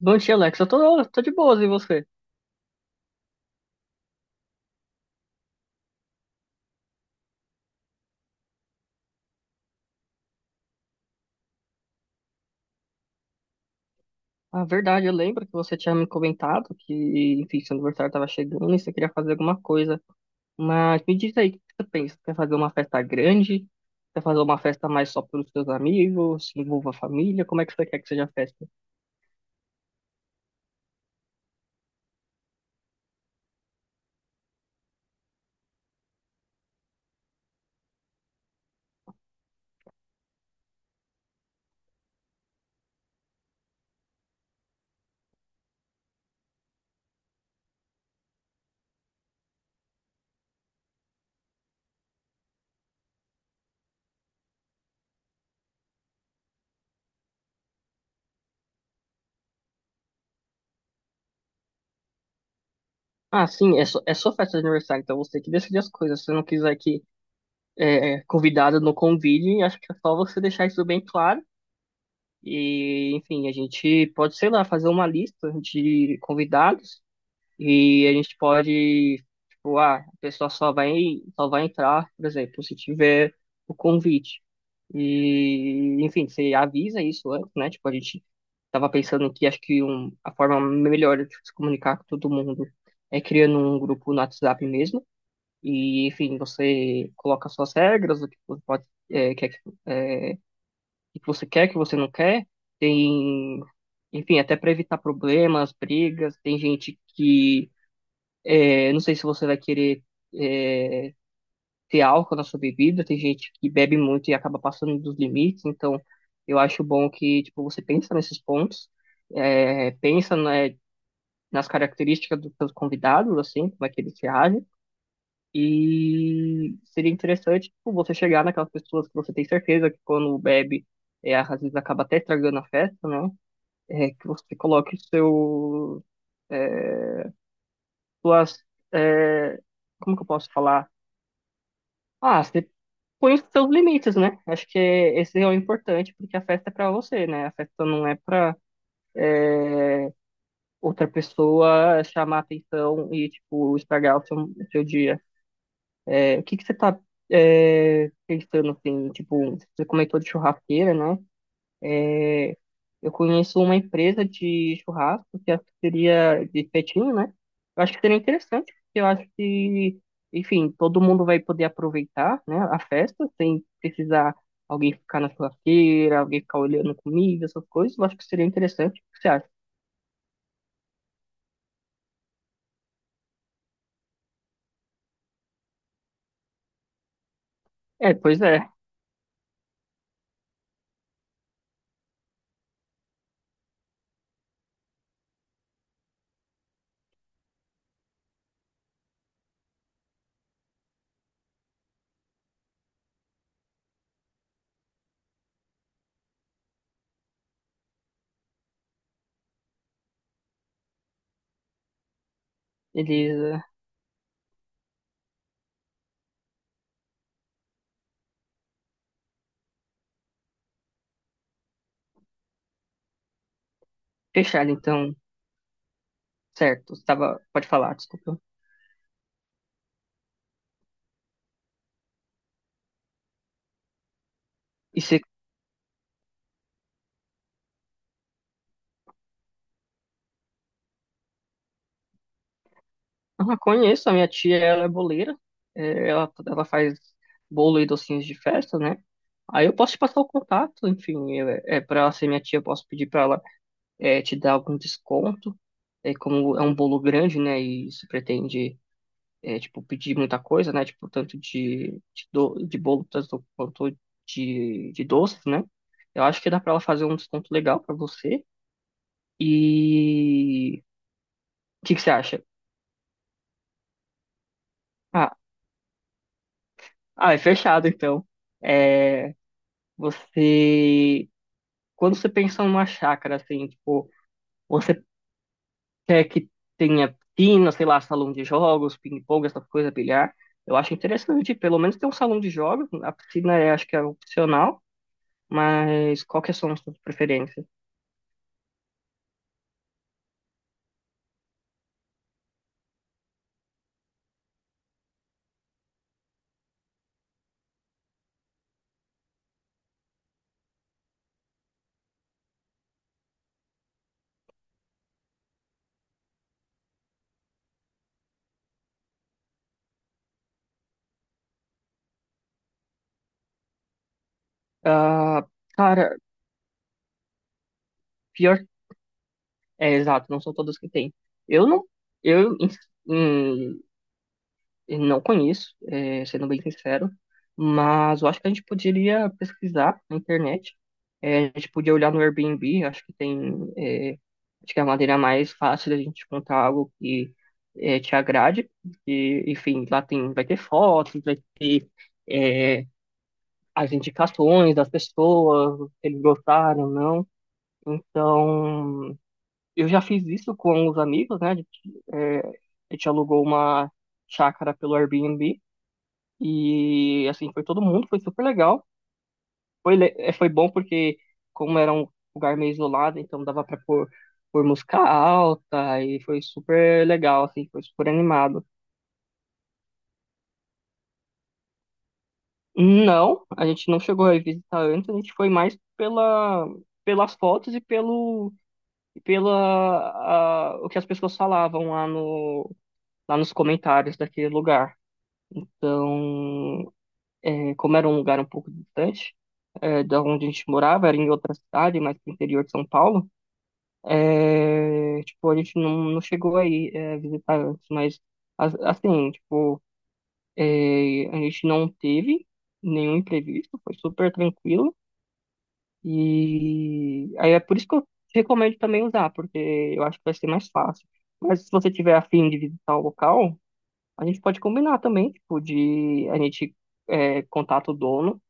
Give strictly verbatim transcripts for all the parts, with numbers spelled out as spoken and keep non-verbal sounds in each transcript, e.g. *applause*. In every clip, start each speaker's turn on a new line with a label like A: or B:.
A: Bom dia, Alex. Eu tô, tô de boas, e você? Ah, verdade, eu lembro que você tinha me comentado que, enfim, seu aniversário estava chegando e você queria fazer alguma coisa. Mas me diz aí, o que você pensa? Quer fazer uma festa grande? Quer fazer uma festa mais só para os seus amigos? Se envolva a família? Como é que você quer que seja a festa? Ah, sim, é, só, é sua festa de aniversário, então você que decide as coisas. Se você não quiser que é, é, convidado não convide, acho que é só você deixar isso bem claro. E, enfim, a gente pode, sei lá, fazer uma lista de convidados. E a gente pode, tipo, ah, a pessoa só vai, só vai entrar, por exemplo, se tiver o convite. E, enfim, você avisa isso antes, né? Tipo, a gente tava pensando que acho que um, a forma melhor de se comunicar com todo mundo é criando um grupo no WhatsApp mesmo. E, enfim, você coloca suas regras, o que você pode, é, quer, que- é, o que você quer, o que você não quer. Tem, enfim, até para evitar problemas, brigas. Tem gente que é, não sei se você vai querer é, ter álcool na sua bebida. Tem gente que bebe muito e acaba passando dos limites. Então, eu acho bom que tipo você pensa nesses pontos, é, pensa né, nas características dos seus convidados, assim, como é que eles se agem. E seria interessante tipo, você chegar naquelas pessoas que você tem certeza que quando bebe, é, às vezes acaba até estragando a festa, né? É, que você coloque seu, é, suas, é, como que eu posso falar? Ah, você põe os seus limites, né? Acho que é- esse é o importante, porque a festa é pra você, né? A festa não é pra outra pessoa chamar atenção e, tipo, estragar o seu, o seu dia. É, o que que você tá, é, pensando, assim? Tipo, você comentou de churrasqueira, né? Eu conheço uma empresa de churrasco que acho que seria de petinho, né? Eu acho que seria interessante, porque eu acho que, enfim, todo mundo vai poder aproveitar, né, a festa sem precisar alguém ficar na churrasqueira, alguém ficar olhando comida, essas coisas. Eu acho que seria interessante. O que você acha? É, pois é. Eles eh, fecharam, então, certo. Estava, pode falar, desculpa. E você. Ah, conheço, a minha tia, ela é boleira, é, ela, ela faz bolo e docinhos de festa, né? Aí eu posso te passar o contato, enfim, é, é para ela ser minha tia, eu posso pedir para ela é, te dar algum desconto, é, como é um bolo grande, né, e se pretende, é, tipo, pedir muita coisa, né, tipo, tanto de, de, do, de bolo tanto quanto de, de doces, né? Eu acho que dá para ela fazer um desconto legal para você. E o que que você acha? Ah, ah, é fechado, então. É, Você, quando você pensa numa chácara, assim, tipo, você quer que tenha piscina, sei lá, salão de jogos, ping-pong, essas coisas, bilhar. Eu acho interessante, pelo menos ter um salão de jogos. A piscina é, acho que é opcional, mas qual que são as suas preferências? Ah, cara, pior, é exato, não são todas que tem. Eu não, eu em, Eu Não conheço, é, sendo bem sincero, mas eu acho que a gente poderia pesquisar na internet. É, a gente podia olhar no Airbnb, acho que tem, é, acho que é a maneira mais fácil da gente encontrar algo que é, te agrade. E, enfim, lá tem, vai ter fotos, vai ter é, as indicações das pessoas, se eles gostaram ou não. Então, eu já fiz isso com os amigos, né? A gente, é, a gente alugou uma chácara pelo Airbnb. E assim, foi todo mundo, foi super legal. Foi, le- eh, foi bom porque, como era um lugar meio isolado, então dava pra pôr, pôr música alta e foi super legal, assim, foi super animado. Não, a gente não chegou a visitar antes, a gente foi mais pela, pelas fotos e pelo e pela a- o que as pessoas falavam lá no lá nos comentários daquele lugar. Então, é, como era um lugar um pouco distante é, da onde a gente morava, era em outra cidade, mais pro interior de São Paulo, é, tipo, a gente não, não chegou aí é, visitar antes, mas a- assim, tipo, é, a gente não teve nenhum imprevisto, foi super tranquilo, e aí é por isso que eu recomendo também usar, porque eu acho que vai ser mais fácil. Mas se você tiver afim de visitar o local, a gente pode combinar também, tipo, de a gente é, contato o dono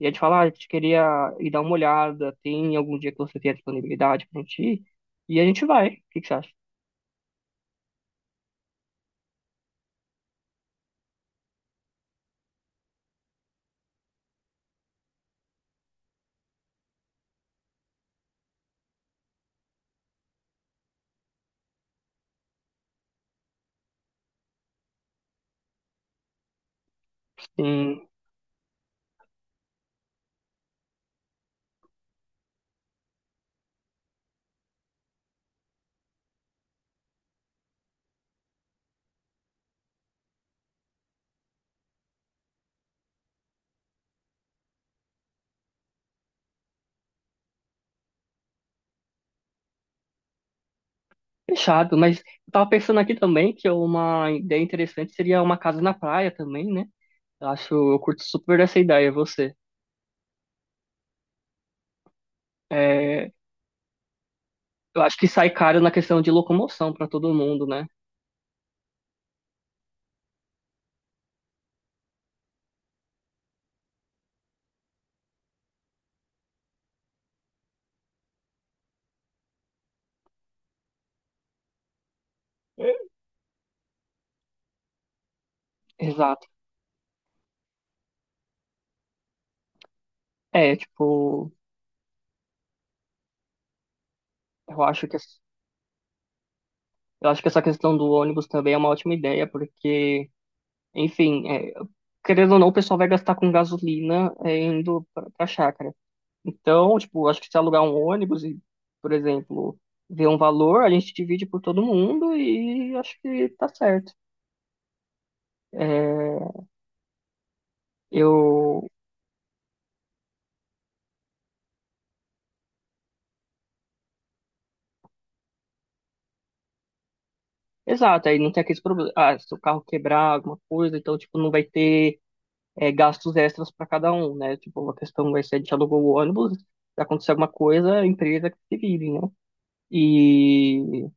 A: e a gente fala, ah, a gente queria ir dar uma olhada, tem algum dia que você tem a disponibilidade pra gente ir? E a gente vai. O que que você acha? Sim, fechado. Mas eu tava pensando aqui também que uma ideia interessante seria uma casa na praia também, né? Eu acho, eu curto super essa ideia, você. É, eu acho que sai caro na questão de locomoção pra todo mundo, né? Exato. É, tipo, eu acho que eu acho que essa questão do ônibus também é uma ótima ideia, porque enfim, é, querendo ou não, o pessoal vai gastar com gasolina é, indo pra, pra chácara. Então, tipo, acho que se alugar um ônibus e, por exemplo, ver um valor, a gente divide por todo mundo e acho que tá certo. É, eu. Exato, aí não tem aqueles problemas. Ah, se o carro quebrar alguma coisa, então, tipo, não vai ter é, gastos extras para cada um, né? Tipo, a questão vai ser: a gente alugou o ônibus, se acontecer alguma coisa, a empresa que se vire, né? E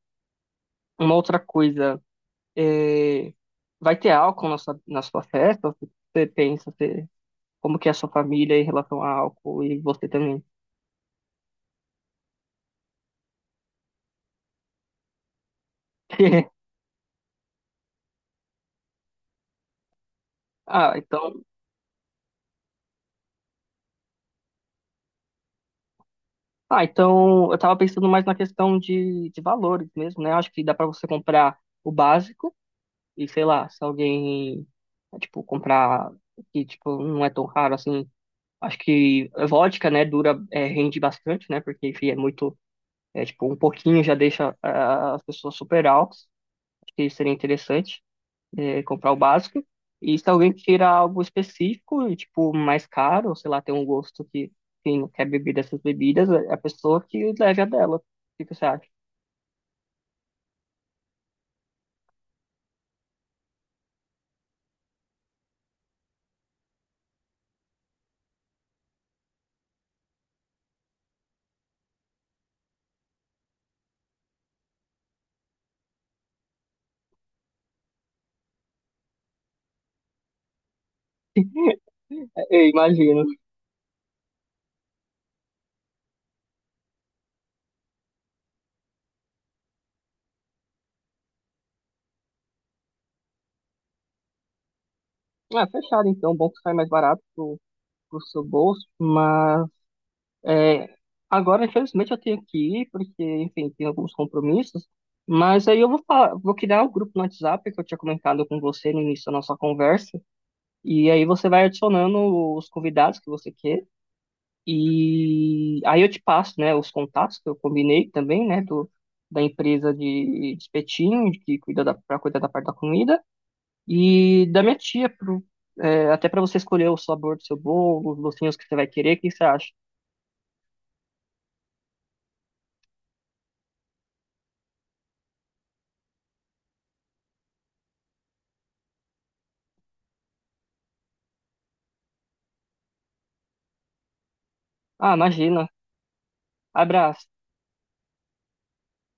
A: uma outra coisa. É, vai ter álcool na sua, na sua festa? Ou Você pensa, você, como que é a sua família em relação a álcool e você também? *laughs* Ah, então, ah, então eu tava pensando mais na questão de, de valores mesmo, né? Acho que dá pra você comprar o básico e sei lá, se alguém tipo comprar que tipo não é tão raro assim, acho que vodka, né, dura é, rende bastante, né? Porque enfim, é muito é tipo um pouquinho já deixa ah, as pessoas super altas. Acho que seria interessante. É, comprar o básico. E se alguém tira algo específico, e, tipo, mais caro, ou sei lá, tem um gosto que quem não quer beber dessas bebidas, é a pessoa que leve a dela. O que você acha? É, eu imagino. Ah, fechado então, bom que sai mais barato pro, pro seu bolso, mas é, agora infelizmente eu tenho que ir, porque, enfim, tenho alguns compromissos, mas aí eu vou, fa- vou criar o grupo no WhatsApp que eu tinha comentado com você no início da nossa conversa, e aí você vai adicionando os convidados que você queira. E aí eu te passo, né, os contatos que eu combinei também, né, do, da empresa de, de espetinho, de que cuida da, para cuidar da parte da comida, e da minha tia, pro, é, até para você escolher o sabor do seu bolo, os docinhos que você vai querer, o que você acha? Ah, imagina. Abraço.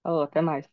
A: Falou, até mais.